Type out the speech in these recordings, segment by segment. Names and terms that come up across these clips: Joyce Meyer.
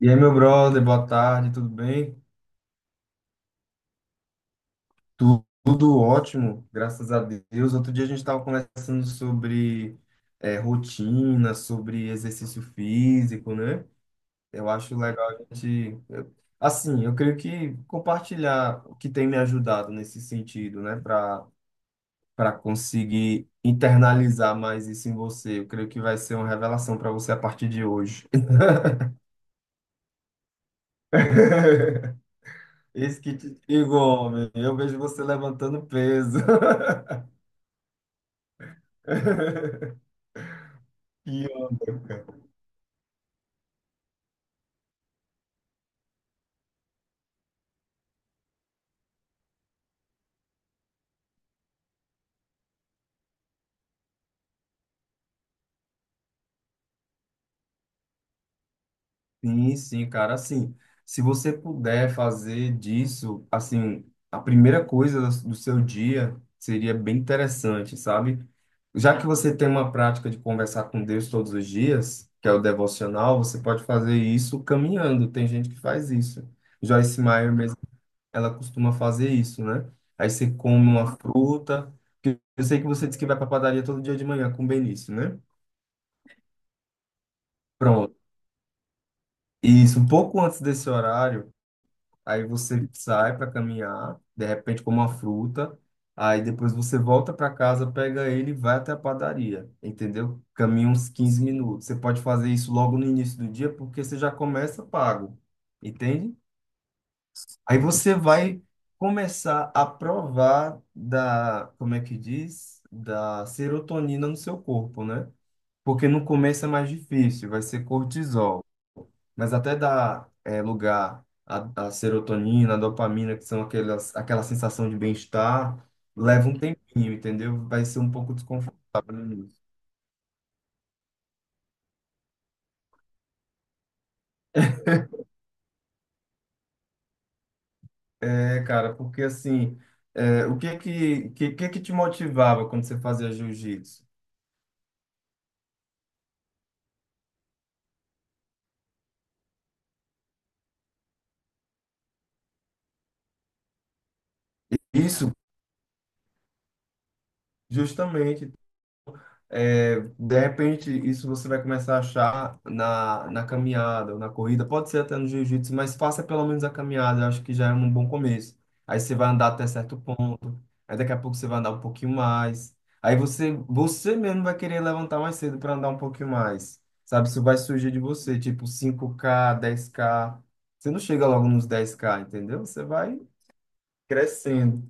E aí, meu brother, boa tarde, tudo bem? Tudo, ótimo, graças a Deus. Outro dia a gente estava conversando sobre rotina, sobre exercício físico, né? Eu acho legal a gente. Assim, eu creio que compartilhar o que tem me ajudado nesse sentido, né? Para conseguir internalizar mais isso em você. Eu creio que vai ser uma revelação para você a partir de hoje. Eis que te digo, homem, eu vejo você levantando peso. Que Sim, sim, cara, assim, se você puder fazer disso, assim, a primeira coisa do seu dia seria bem interessante, sabe? Já que você tem uma prática de conversar com Deus todos os dias, que é o devocional, você pode fazer isso caminhando. Tem gente que faz isso. Joyce Meyer ela costuma fazer isso, né? Aí você come uma fruta, que eu sei que você disse que vai para padaria todo dia de manhã com o Benício, né? Pronto. Isso, um pouco antes desse horário, aí você sai para caminhar, de repente come uma fruta, aí depois você volta para casa, pega ele e vai até a padaria, entendeu? Caminha uns 15 minutos. Você pode fazer isso logo no início do dia, porque você já começa pago, entende? Aí você vai começar a provar da, como é que diz? Da serotonina no seu corpo, né? Porque no começo é mais difícil, vai ser cortisol. Mas até dar lugar à, serotonina, à dopamina, que são aquelas, aquela sensação de bem-estar, leva um tempinho, entendeu? Vai ser um pouco desconfortável no início. É, cara, porque assim, é, o que é que é que te motivava quando você fazia jiu-jitsu? Isso, justamente. É, de repente, isso você vai começar a achar na caminhada ou na corrida, pode ser até no jiu-jitsu, mas faça pelo menos a caminhada, eu acho que já é um bom começo. Aí você vai andar até certo ponto, aí daqui a pouco você vai andar um pouquinho mais, aí você mesmo vai querer levantar mais cedo para andar um pouquinho mais, sabe? Isso vai surgir de você, tipo 5K, 10K. Você não chega logo nos 10K, entendeu? Você vai crescendo.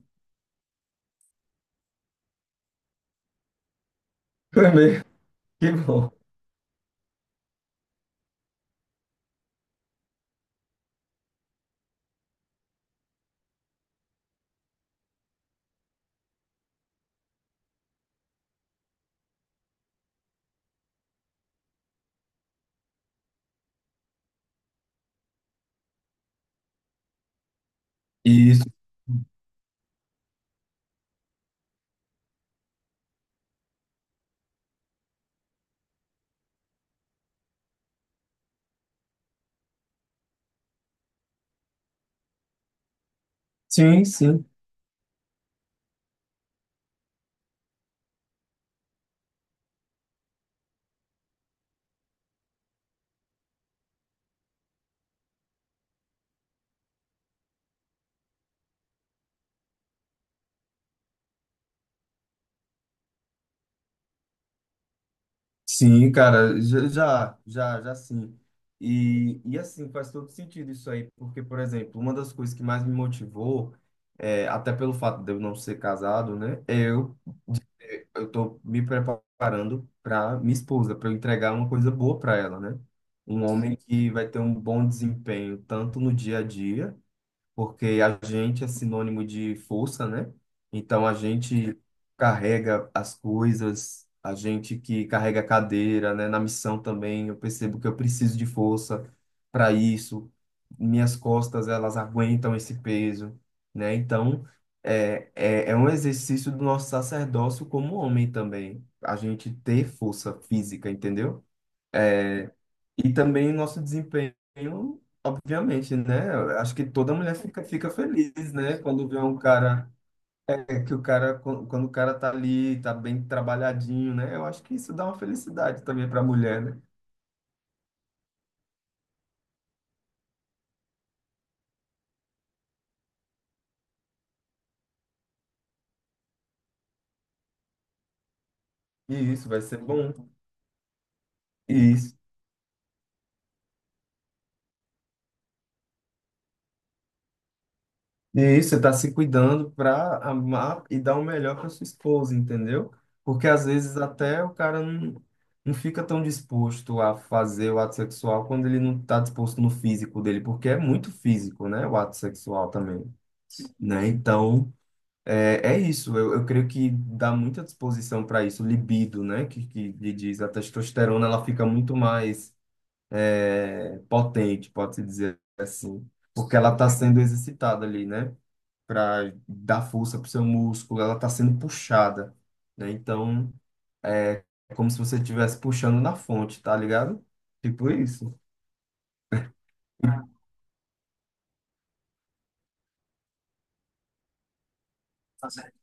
Foi mesmo. Que bom. Isso. Sim, sim. Sim, cara, já, já, já, já sim. E assim, faz todo sentido isso aí, porque, por exemplo, uma das coisas que mais me motivou, é, até pelo fato de eu não ser casado, né, é eu tô me preparando para minha esposa, para eu entregar uma coisa boa para ela, né? Um homem que vai ter um bom desempenho, tanto no dia a dia, porque agente é sinônimo de força, né? Então a gente carrega as coisas, a gente que carrega a cadeira, né? Na missão também, eu percebo que eu preciso de força para isso. Minhas costas, elas aguentam esse peso, né? Então é um exercício do nosso sacerdócio como homem também, a gente ter força física, entendeu? É, e também nosso desempenho, obviamente, né? Eu acho que toda mulher fica feliz, né? Quando vê um cara, que o cara, quando o cara tá ali, tá bem trabalhadinho, né? Eu acho que isso dá uma felicidade também pra mulher, né? E isso vai ser bom. E isso E isso, você tá se cuidando para amar e dar o melhor para sua esposa, entendeu? Porque às vezes até o cara não, não fica tão disposto a fazer o ato sexual quando ele não tá disposto no físico dele, porque é muito físico, né? O ato sexual também, né? Então, é isso. Eu creio que dá muita disposição para isso, libido, né? Que lhe diz, a testosterona, ela fica muito mais potente, pode-se dizer assim, porque ela está sendo exercitada ali, né? Para dar força para o seu músculo, ela está sendo puxada, né? Então, é como se você estivesse puxando na fonte, tá ligado? Tipo isso. Tá certo.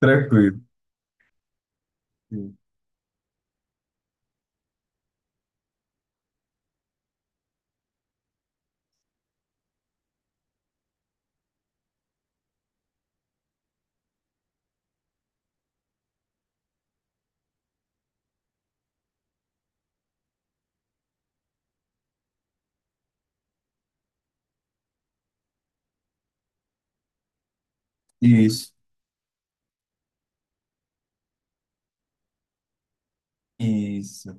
Tranquilo. Sim. Isso, isso,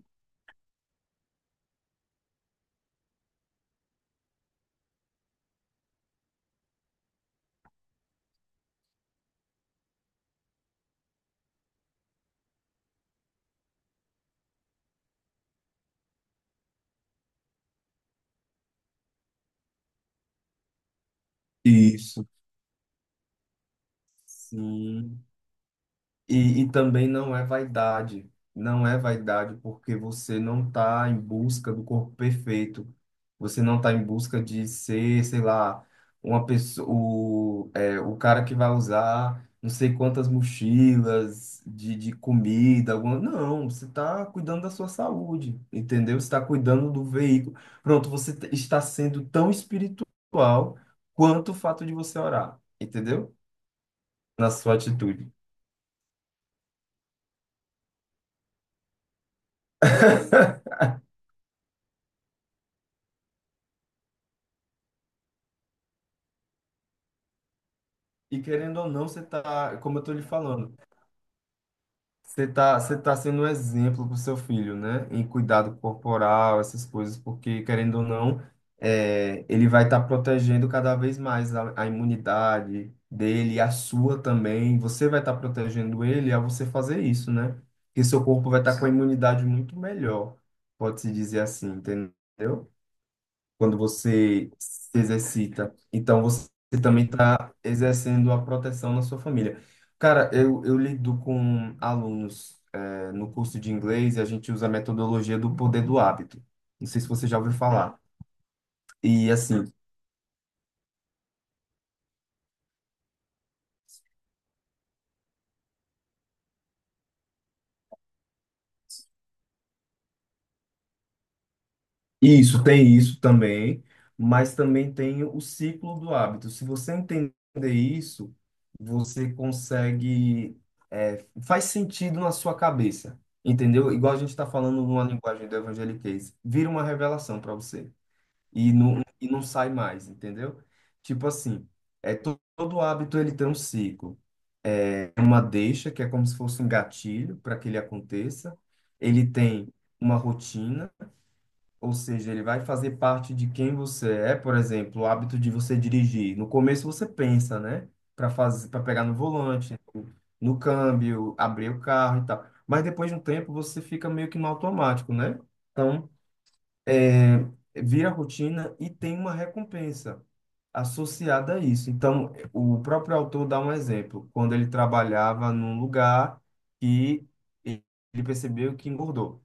isso. Sim. E também não é vaidade. Não é vaidade porque você não está em busca do corpo perfeito. Você não está em busca de ser, sei lá, uma pessoa, o cara que vai usar não sei quantas mochilas de, comida. Não, você está cuidando da sua saúde, entendeu? Você está cuidando do veículo. Pronto, você está sendo tão espiritual quanto o fato de você orar, entendeu? Na sua atitude. E querendo ou não, você tá, como eu tô lhe falando, você tá sendo um exemplo pro seu filho, né? Em cuidado corporal, essas coisas, porque querendo ou não, ele vai estar protegendo cada vez mais a imunidade dele, a sua também. Você vai estar protegendo ele ao você fazer isso, né? Porque seu corpo vai estar com a imunidade muito melhor, pode-se dizer assim, entendeu, quando você se exercita. Então, você também está exercendo a proteção na sua família. Cara, eu lido com alunos, no curso de inglês e a gente usa a metodologia do poder do hábito. Não sei se você já ouviu falar. E assim, isso, tem isso também, mas também tem o ciclo do hábito. Se você entender isso, você consegue, faz sentido na sua cabeça, entendeu? Igual a gente está falando numa linguagem do evangeliquez, vira uma revelação para você e não sai mais, entendeu? Tipo assim, todo hábito ele tem um ciclo. É uma deixa, que é como se fosse um gatilho para que ele aconteça, ele tem uma rotina, ou seja, ele vai fazer parte de quem você é. Por exemplo, o hábito de você dirigir. No começo você pensa, né? Para pegar no volante, no câmbio, abrir o carro e tal. Mas depois de um tempo você fica meio que no automático, né? Então, é, vira rotina e tem uma recompensa associada a isso. Então, o próprio autor dá um exemplo. Quando ele trabalhava num lugar que ele percebeu que engordou.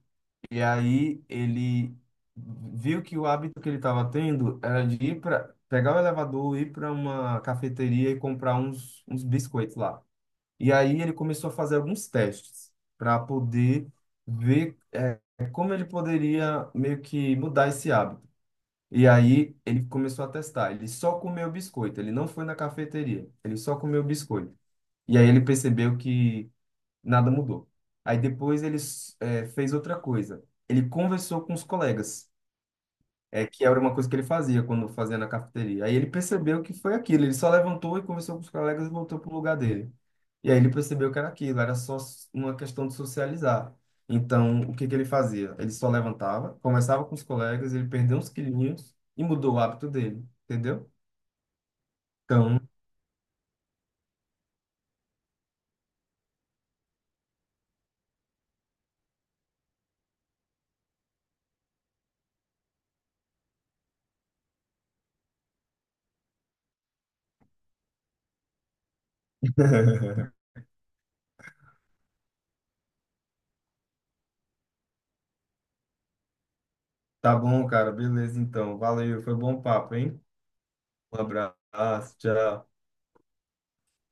E aí ele viu que o hábito que ele estava tendo era de ir para pegar o elevador, ir para uma cafeteria e comprar uns biscoitos lá. E aí ele começou a fazer alguns testes para poder ver como ele poderia meio que mudar esse hábito. E aí ele começou a testar. Ele só comeu biscoito, ele não foi na cafeteria, ele só comeu biscoito. E aí ele percebeu que nada mudou. Aí depois ele fez outra coisa. Ele conversou com os colegas, que era uma coisa que ele fazia quando fazia na cafeteria. Aí ele percebeu que foi aquilo. Ele só levantou e conversou com os colegas e voltou para o lugar dele. E aí ele percebeu que era aquilo, era só uma questão de socializar. Então, o que que ele fazia? Ele só levantava, conversava com os colegas, ele perdeu uns quilinhos e mudou o hábito dele, entendeu? Então, tá bom, cara, beleza então. Valeu, foi bom papo, hein? Um abraço, tchau.